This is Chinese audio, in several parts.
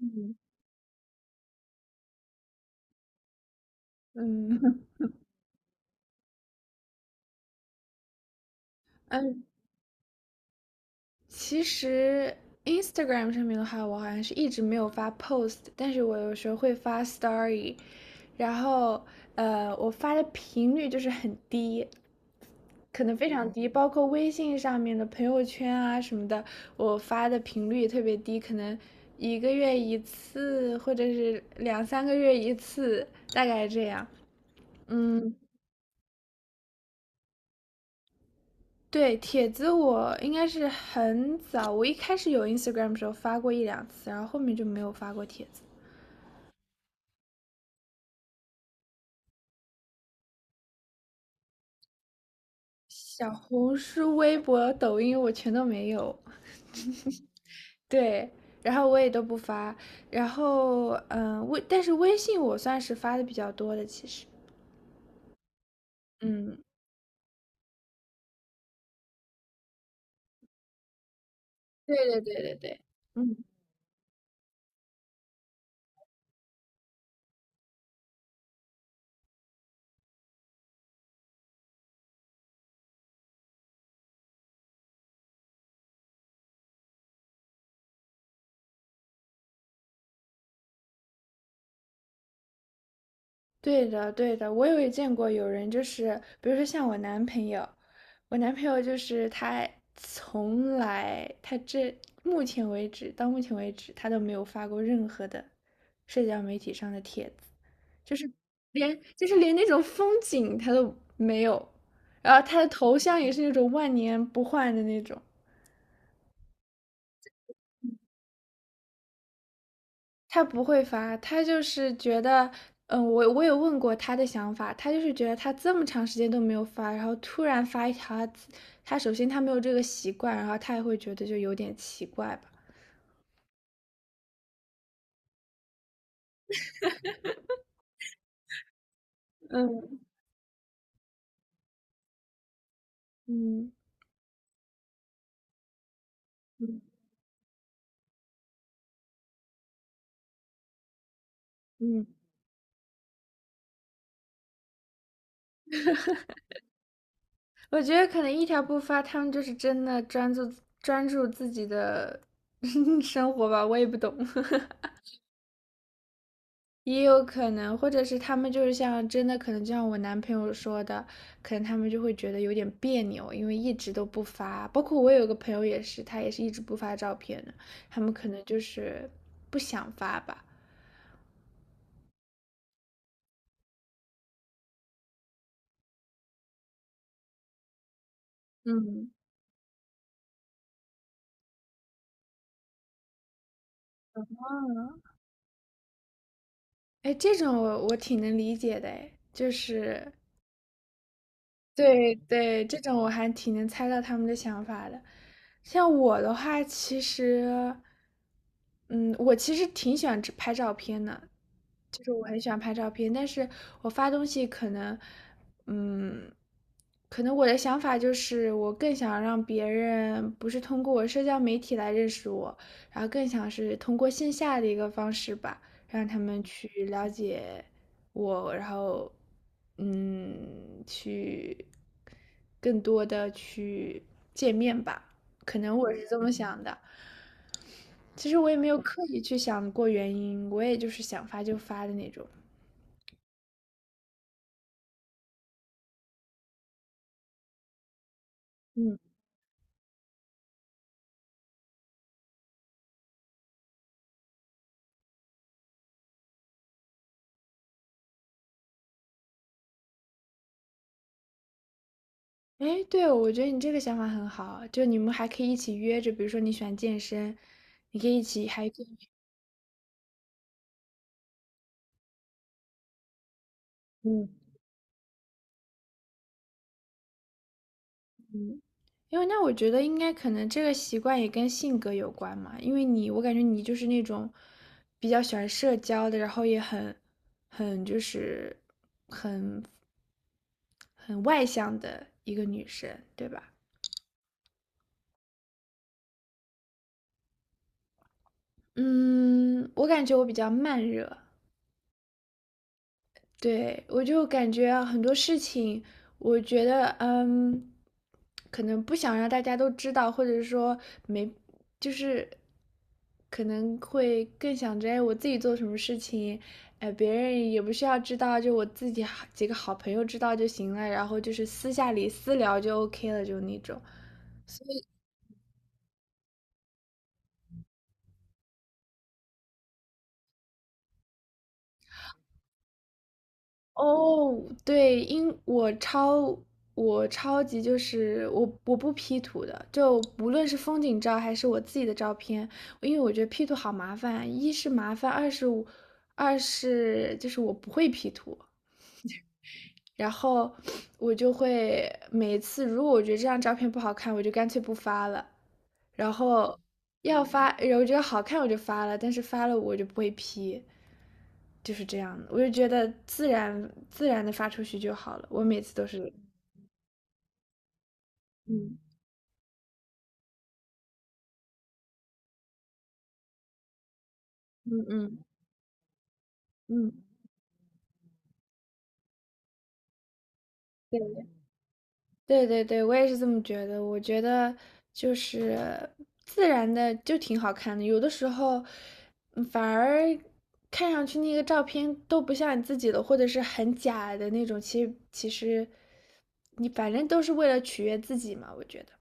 嗯嗯 嗯，其实 Instagram 上面的话，我好像是一直没有发 post，但是我有时候会发 story。然后，我发的频率就是很低，可能非常低，包括微信上面的朋友圈啊什么的，我发的频率也特别低，可能一个月一次，或者是两三个月一次，大概这样。嗯，对，帖子我应该是很早，我一开始有 Instagram 的时候发过一两次，然后后面就没有发过帖子。小红书、微博、抖音我全都没有，对，然后我也都不发。然后，但是微信我算是发的比较多的，其实。嗯，对对对对对，嗯。对的，对的，我有也见过有人就是，比如说像我男朋友就是他从来，他这目前为止，到目前为止，他都没有发过任何的社交媒体上的帖子，就是连那种风景他都没有，然后他的头像也是那种万年不换的那种，他不会发，他就是觉得，嗯，我有问过他的想法，他就是觉得他这么长时间都没有发，然后突然发一条他首先他没有这个习惯，然后他也会觉得就有点奇怪吧。嗯嗯嗯嗯，我觉得可能一条不发，他们就是真的专注自己的 生活吧，我也不懂。也有可能，或者是他们就是像真的，可能就像我男朋友说的，可能他们就会觉得有点别扭，因为一直都不发。包括我有个朋友也是，他也是一直不发照片的，他们可能就是不想发吧。嗯。哎，这种我挺能理解的，哎，就是对对，这种我还挺能猜到他们的想法的。像我的话，其实，嗯，我其实挺喜欢只拍照片的，就我很喜欢拍照片，但是我发东西可能，嗯，可能我的想法就是，我更想让别人不是通过我社交媒体来认识我，然后更想是通过线下的一个方式吧，让他们去了解我，然后，嗯，去更多的去见面吧，可能我是这么想的。其实我也没有刻意去想过原因，我也就是想发就发的那种。嗯。哎，对，我觉得你这个想法很好，就你们还可以一起约着，比如说你喜欢健身，你可以一起，还可以。嗯嗯，因为那我觉得应该可能这个习惯也跟性格有关嘛，因为你，我感觉你就是那种比较喜欢社交的，然后也很就是很外向的一个女生，对吧？嗯，我感觉我比较慢热。对，我就感觉啊很多事情，我觉得，嗯，可能不想让大家都知道，或者说没，就是可能会更想着，哎，我自己做什么事情，哎，别人也不需要知道，就我自己好几个好朋友知道就行了，然后就是私下里私聊就 OK 了，就那种。哦，对，因我超我超级就是我不 P 图的，就不论是风景照还是我自己的照片，因为我觉得 P 图好麻烦，一是麻烦，二是就是我不会 P 图。然后我就会每一次，如果我觉得这张照片不好看，我就干脆不发了。然后要发，然后我觉得好看我就发了，但是发了我就不会 P,就是这样的。我就觉得自然的发出去就好了。我每次都是，嗯嗯嗯嗯，对。对对对，我也是这么觉得。我觉得就是自然的就挺好看的，有的时候反而看上去那个照片都不像你自己的，或者是很假的那种。其实你反正都是为了取悦自己嘛，我觉得。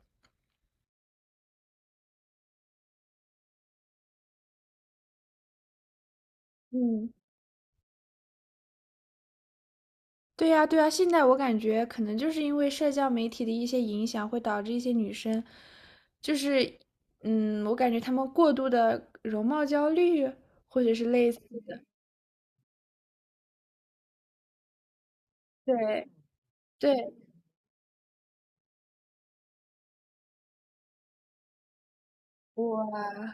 嗯，对呀，对呀，现在我感觉可能就是因为社交媒体的一些影响，会导致一些女生，就是，嗯，我感觉她们过度的容貌焦虑，或者是类似的，对。对，哇，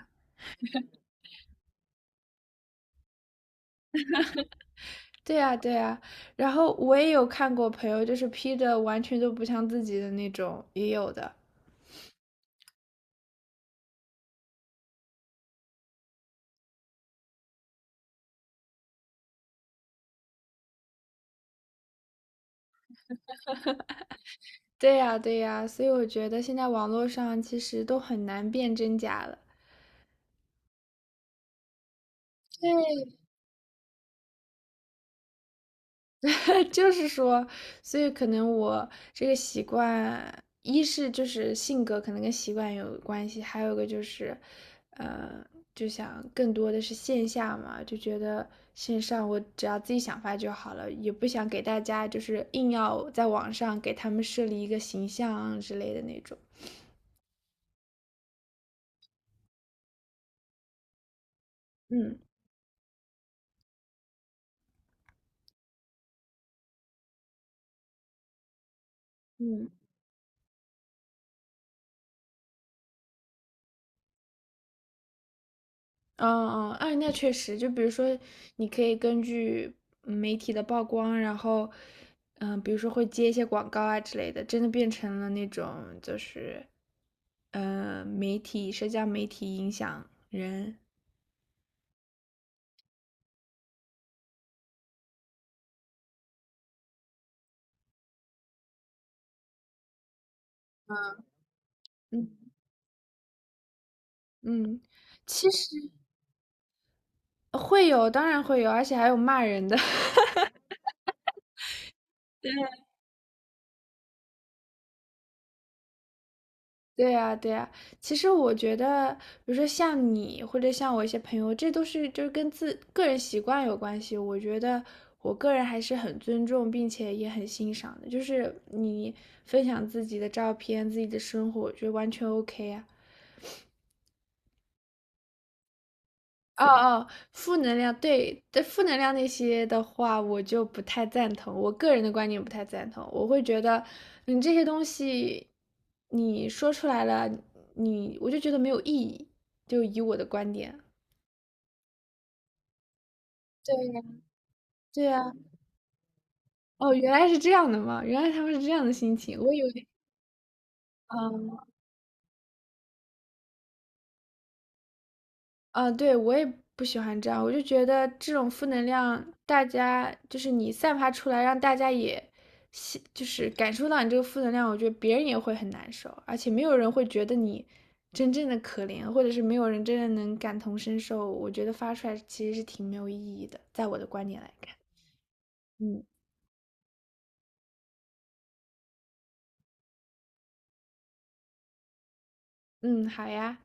对呀，对呀，然后我也有看过朋友，就是 P 的完全都不像自己的那种，也有的。对呀，对呀，所以我觉得现在网络上其实都很难辨真假了。就是说，所以可能我这个习惯，一是就是性格可能跟习惯有关系，还有一个就是，呃，就想更多的是线下嘛，就觉得线上我只要自己想发就好了，也不想给大家就是硬要在网上给他们设立一个形象之类的那种。嗯嗯。嗯嗯，哎，那确实，就比如说，你可以根据媒体的曝光，然后，嗯、比如说会接一些广告啊之类的，真的变成了那种就是，媒体、社交媒体影响人。嗯嗯，其实会有，当然会有，而且还有骂人的。对呀，对呀，其实我觉得，比如说像你或者像我一些朋友，这都是就是跟自个人习惯有关系。我觉得我个人还是很尊重，并且也很欣赏的。就是你分享自己的照片、自己的生活，我觉得完全 OK 啊。哦哦，负能量，对，对，负能量那些的话，我就不太赞同。我个人的观点不太赞同，我会觉得你这些东西你说出来了，你我就觉得没有意义。就以我的观点，对呀，对呀，哦，原来是这样的嘛，原来他们是这样的心情，我以为，嗯啊，对，我也不喜欢这样，我就觉得这种负能量，大家就是你散发出来，让大家也吸，就是感受到你这个负能量，我觉得别人也会很难受，而且没有人会觉得你真正的可怜，或者是没有人真的能感同身受，我觉得发出来其实是挺没有意义的，在我的观点来看。嗯嗯，好呀。